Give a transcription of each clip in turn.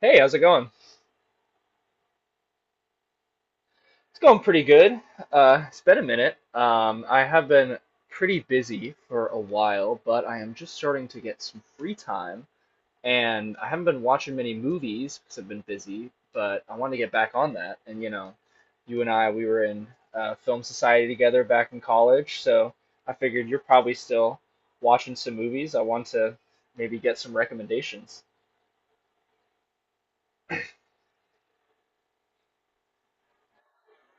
Hey, how's it going? It's going pretty good. It's been a minute. I have been pretty busy for a while, but I am just starting to get some free time, and I haven't been watching many movies because I've been busy, but I want to get back on that. And you know, you and I, we were in film society together back in college, so I figured you're probably still watching some movies. I want to maybe get some recommendations.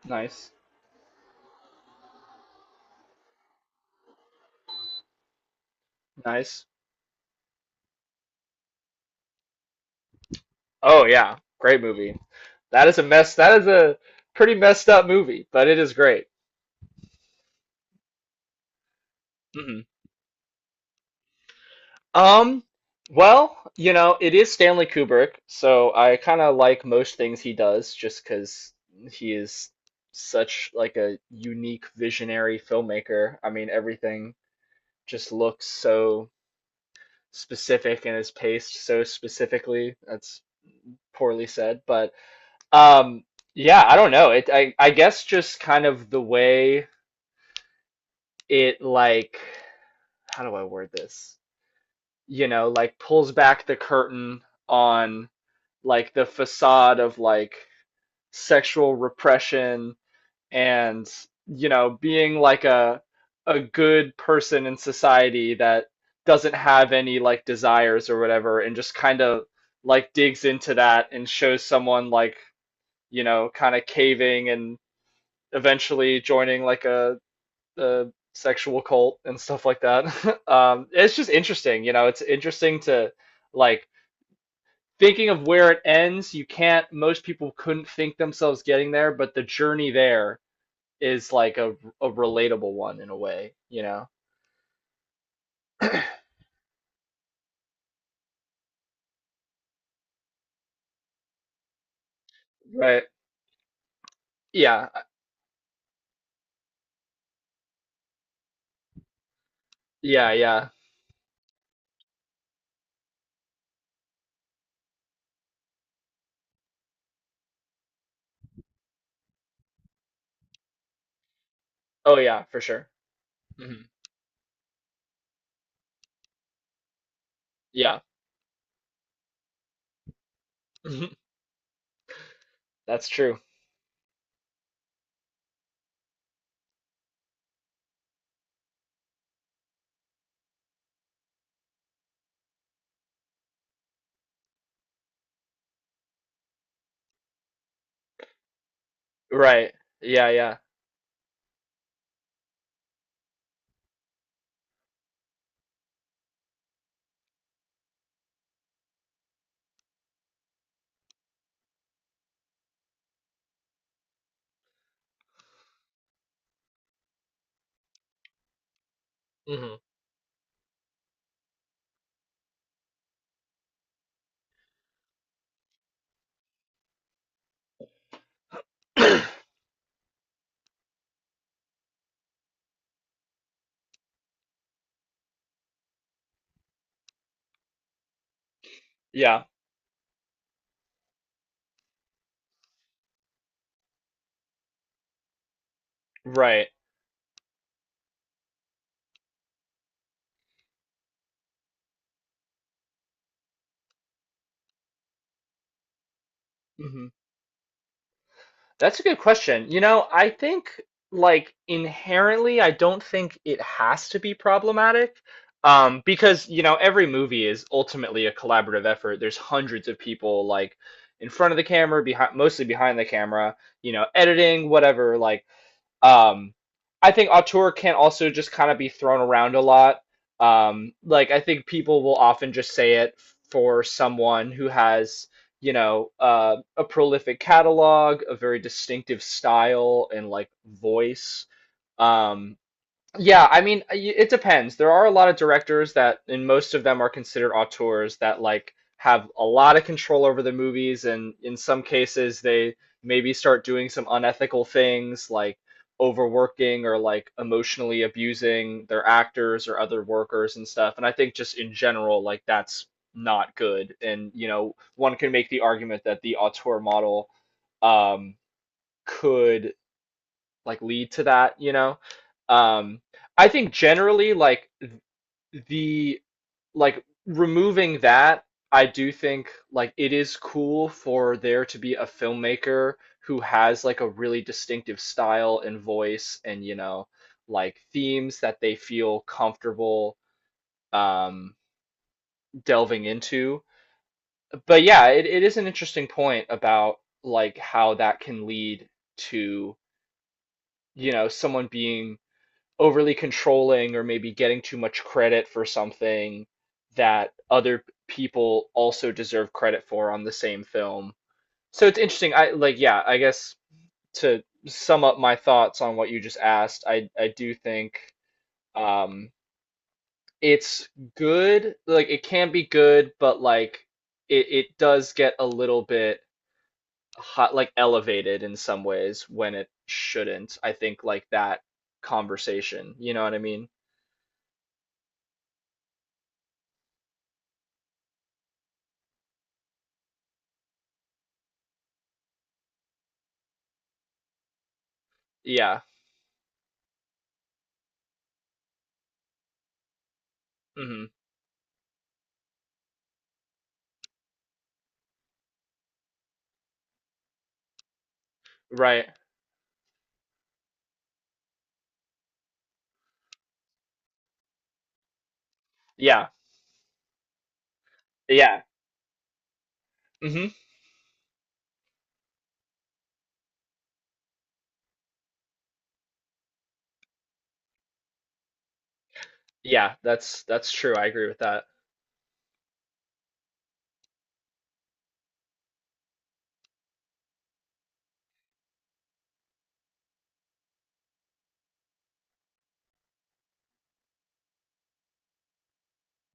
Nice, nice. Oh yeah, great movie. That is a mess. That is a pretty messed up movie, but it is great. Hmm. Um, well, you know, it is Stanley Kubrick, so I kind of like most things he does, just because he is such like a unique visionary filmmaker. I mean, everything just looks so specific and is paced so specifically. That's poorly said, but um, yeah, I don't know. I guess just kind of the way it like how do I word this? You know, like pulls back the curtain on like the facade of like sexual repression and you know being like a good person in society that doesn't have any like desires or whatever and just kind of like digs into that and shows someone like you know kind of caving and eventually joining like a the sexual cult and stuff like that. It's just interesting, you know. It's interesting to like thinking of where it ends. You can't. Most people couldn't think themselves getting there, but the journey there is like a relatable one in a way, you know. Right? Yeah. Yeah. Yeah. Oh yeah, for sure. Hmm. Yeah. Mhm. That's true. Right. Yeah. Yeah. Hmm. Yeah. Right. Hmm. That's a good question. You know, I think like inherently, I don't think it has to be problematic because, you know, every movie is ultimately a collaborative effort. There's hundreds of people like in front of the camera, behind, mostly behind the camera, you know, editing, whatever. Um, I think auteur can also just kind of be thrown around a lot. Like I think people will often just say it for someone who has, you know, a prolific catalog, a very distinctive style and like voice. Um, yeah, I mean, it depends. There are a lot of directors that, and most of them are considered auteurs that like have a lot of control over the movies, and in some cases they maybe start doing some unethical things like overworking or like emotionally abusing their actors or other workers and stuff. And I think just in general, like that's not good. And you know, one can make the argument that the auteur model um could like lead to that, you know? Um, I think generally like the like removing that, I do think like it is cool for there to be a filmmaker who has like a really distinctive style and voice and you know like themes that they feel comfortable um delving into. But yeah, it is an interesting point about like how that can lead to, you know, someone being overly controlling or maybe getting too much credit for something that other people also deserve credit for on the same film. So it's interesting. I like yeah, I guess to sum up my thoughts on what you just asked, I do think um it's good, like it can be good, but like it does get a little bit hot like elevated in some ways when it shouldn't. I think like that conversation, you know what I mean? Yeah. Hmm. Right. Yeah. Yeah. Hmm. Yeah, that's true. I agree with that.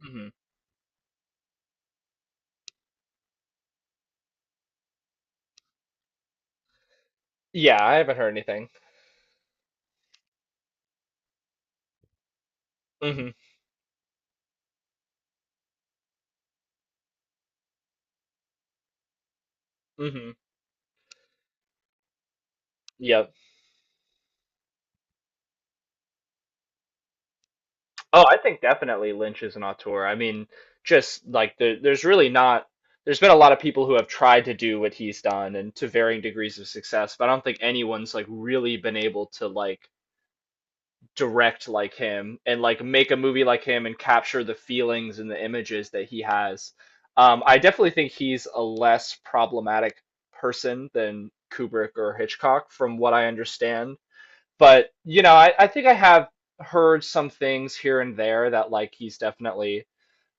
Hmm. Yeah, I haven't heard anything. Hmm. Hmm. Yep. Oh, I think definitely Lynch is an auteur. I mean, just like there, there's really not. There's been a lot of people who have tried to do what he's done and to varying degrees of success, but I don't think anyone's like really been able to like direct like him and like make a movie like him and capture the feelings and the images that he has. I definitely think he's a less problematic person than Kubrick or Hitchcock, from what I understand. But, you know, I think I have heard some things here and there that like he's definitely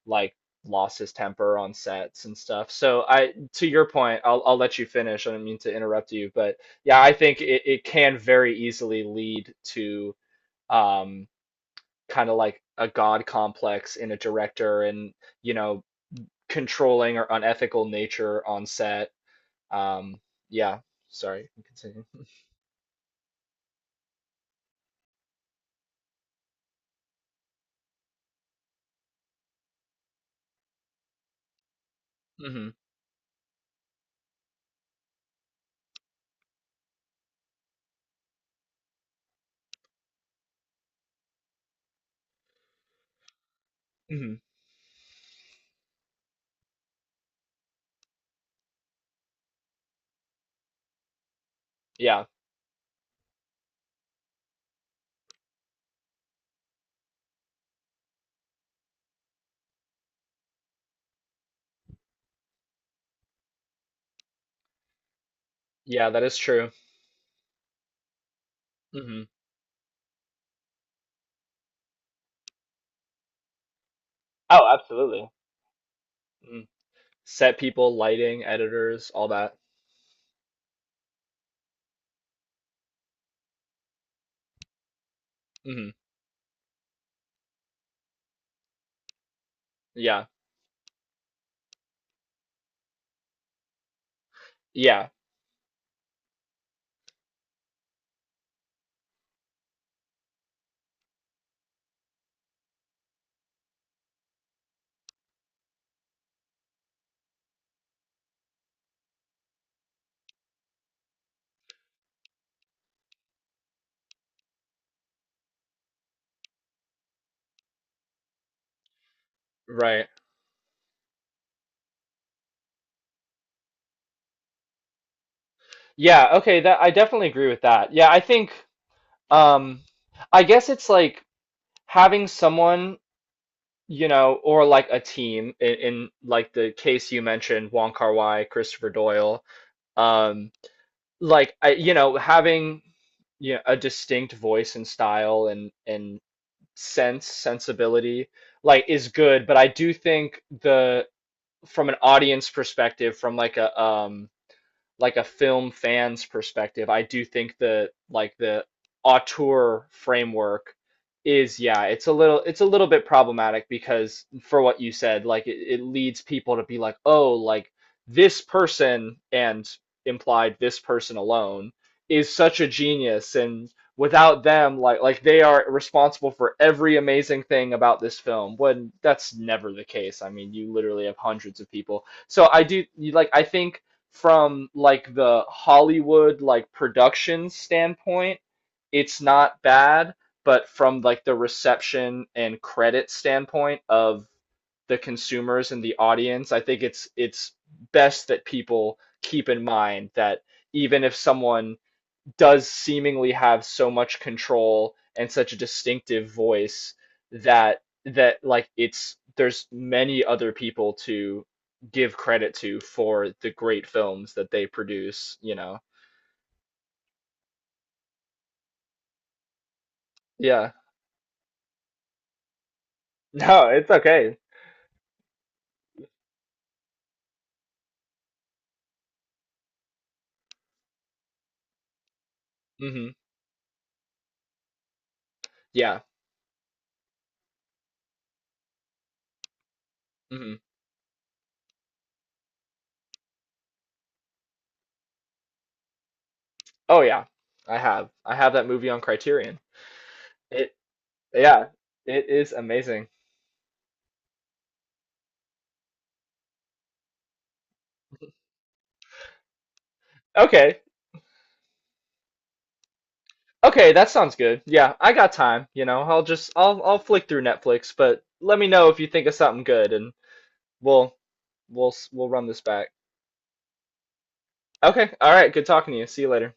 like lost his temper on sets and stuff. So I, to your point, I'll let you finish. I don't mean to interrupt you, but yeah, I think it, it can very easily lead to um kind of like a god complex in a director and you know controlling or unethical nature on set um yeah sorry continue. Mhm. Mhm. Yeah, yeah, that is true. Mhm. Oh, absolutely. Mm. Set people lighting editors all that. Mhm. Yeah. Yeah. Right. Yeah, okay, that I definitely agree with that. Yeah, I think um I guess it's like having someone, you know, or like a team in like the case you mentioned, Wong Kar-wai, Christopher Doyle. Um, like I, you know, having, you know, a distinct voice and style and sense sensibility like is good, but I do think the from an audience perspective, from like a like a film fan's perspective, I do think the like the auteur framework is yeah, it's a little bit problematic because for what you said, like it leads people to be like, oh, like this person and implied this person alone is such a genius and without them like they are responsible for every amazing thing about this film when that's never the case. I mean you literally have hundreds of people so I do like I think from like the Hollywood like production standpoint, it's not bad, but from like the reception and credit standpoint of the consumers and the audience, I think it's best that people keep in mind that even if someone does seemingly have so much control and such a distinctive voice that that like it's there's many other people to give credit to for the great films that they produce, you know. Yeah. No, it's okay. Hmm. Yeah. Hmm. Oh yeah. I have. I have that movie on Criterion. It yeah, it is amazing. Okay. Okay, that sounds good. Yeah, I got time, you know. I'll just I'll flick through Netflix, but let me know if you think of something good and We'll we'll run this back. Okay, all right, good talking to you. See you later.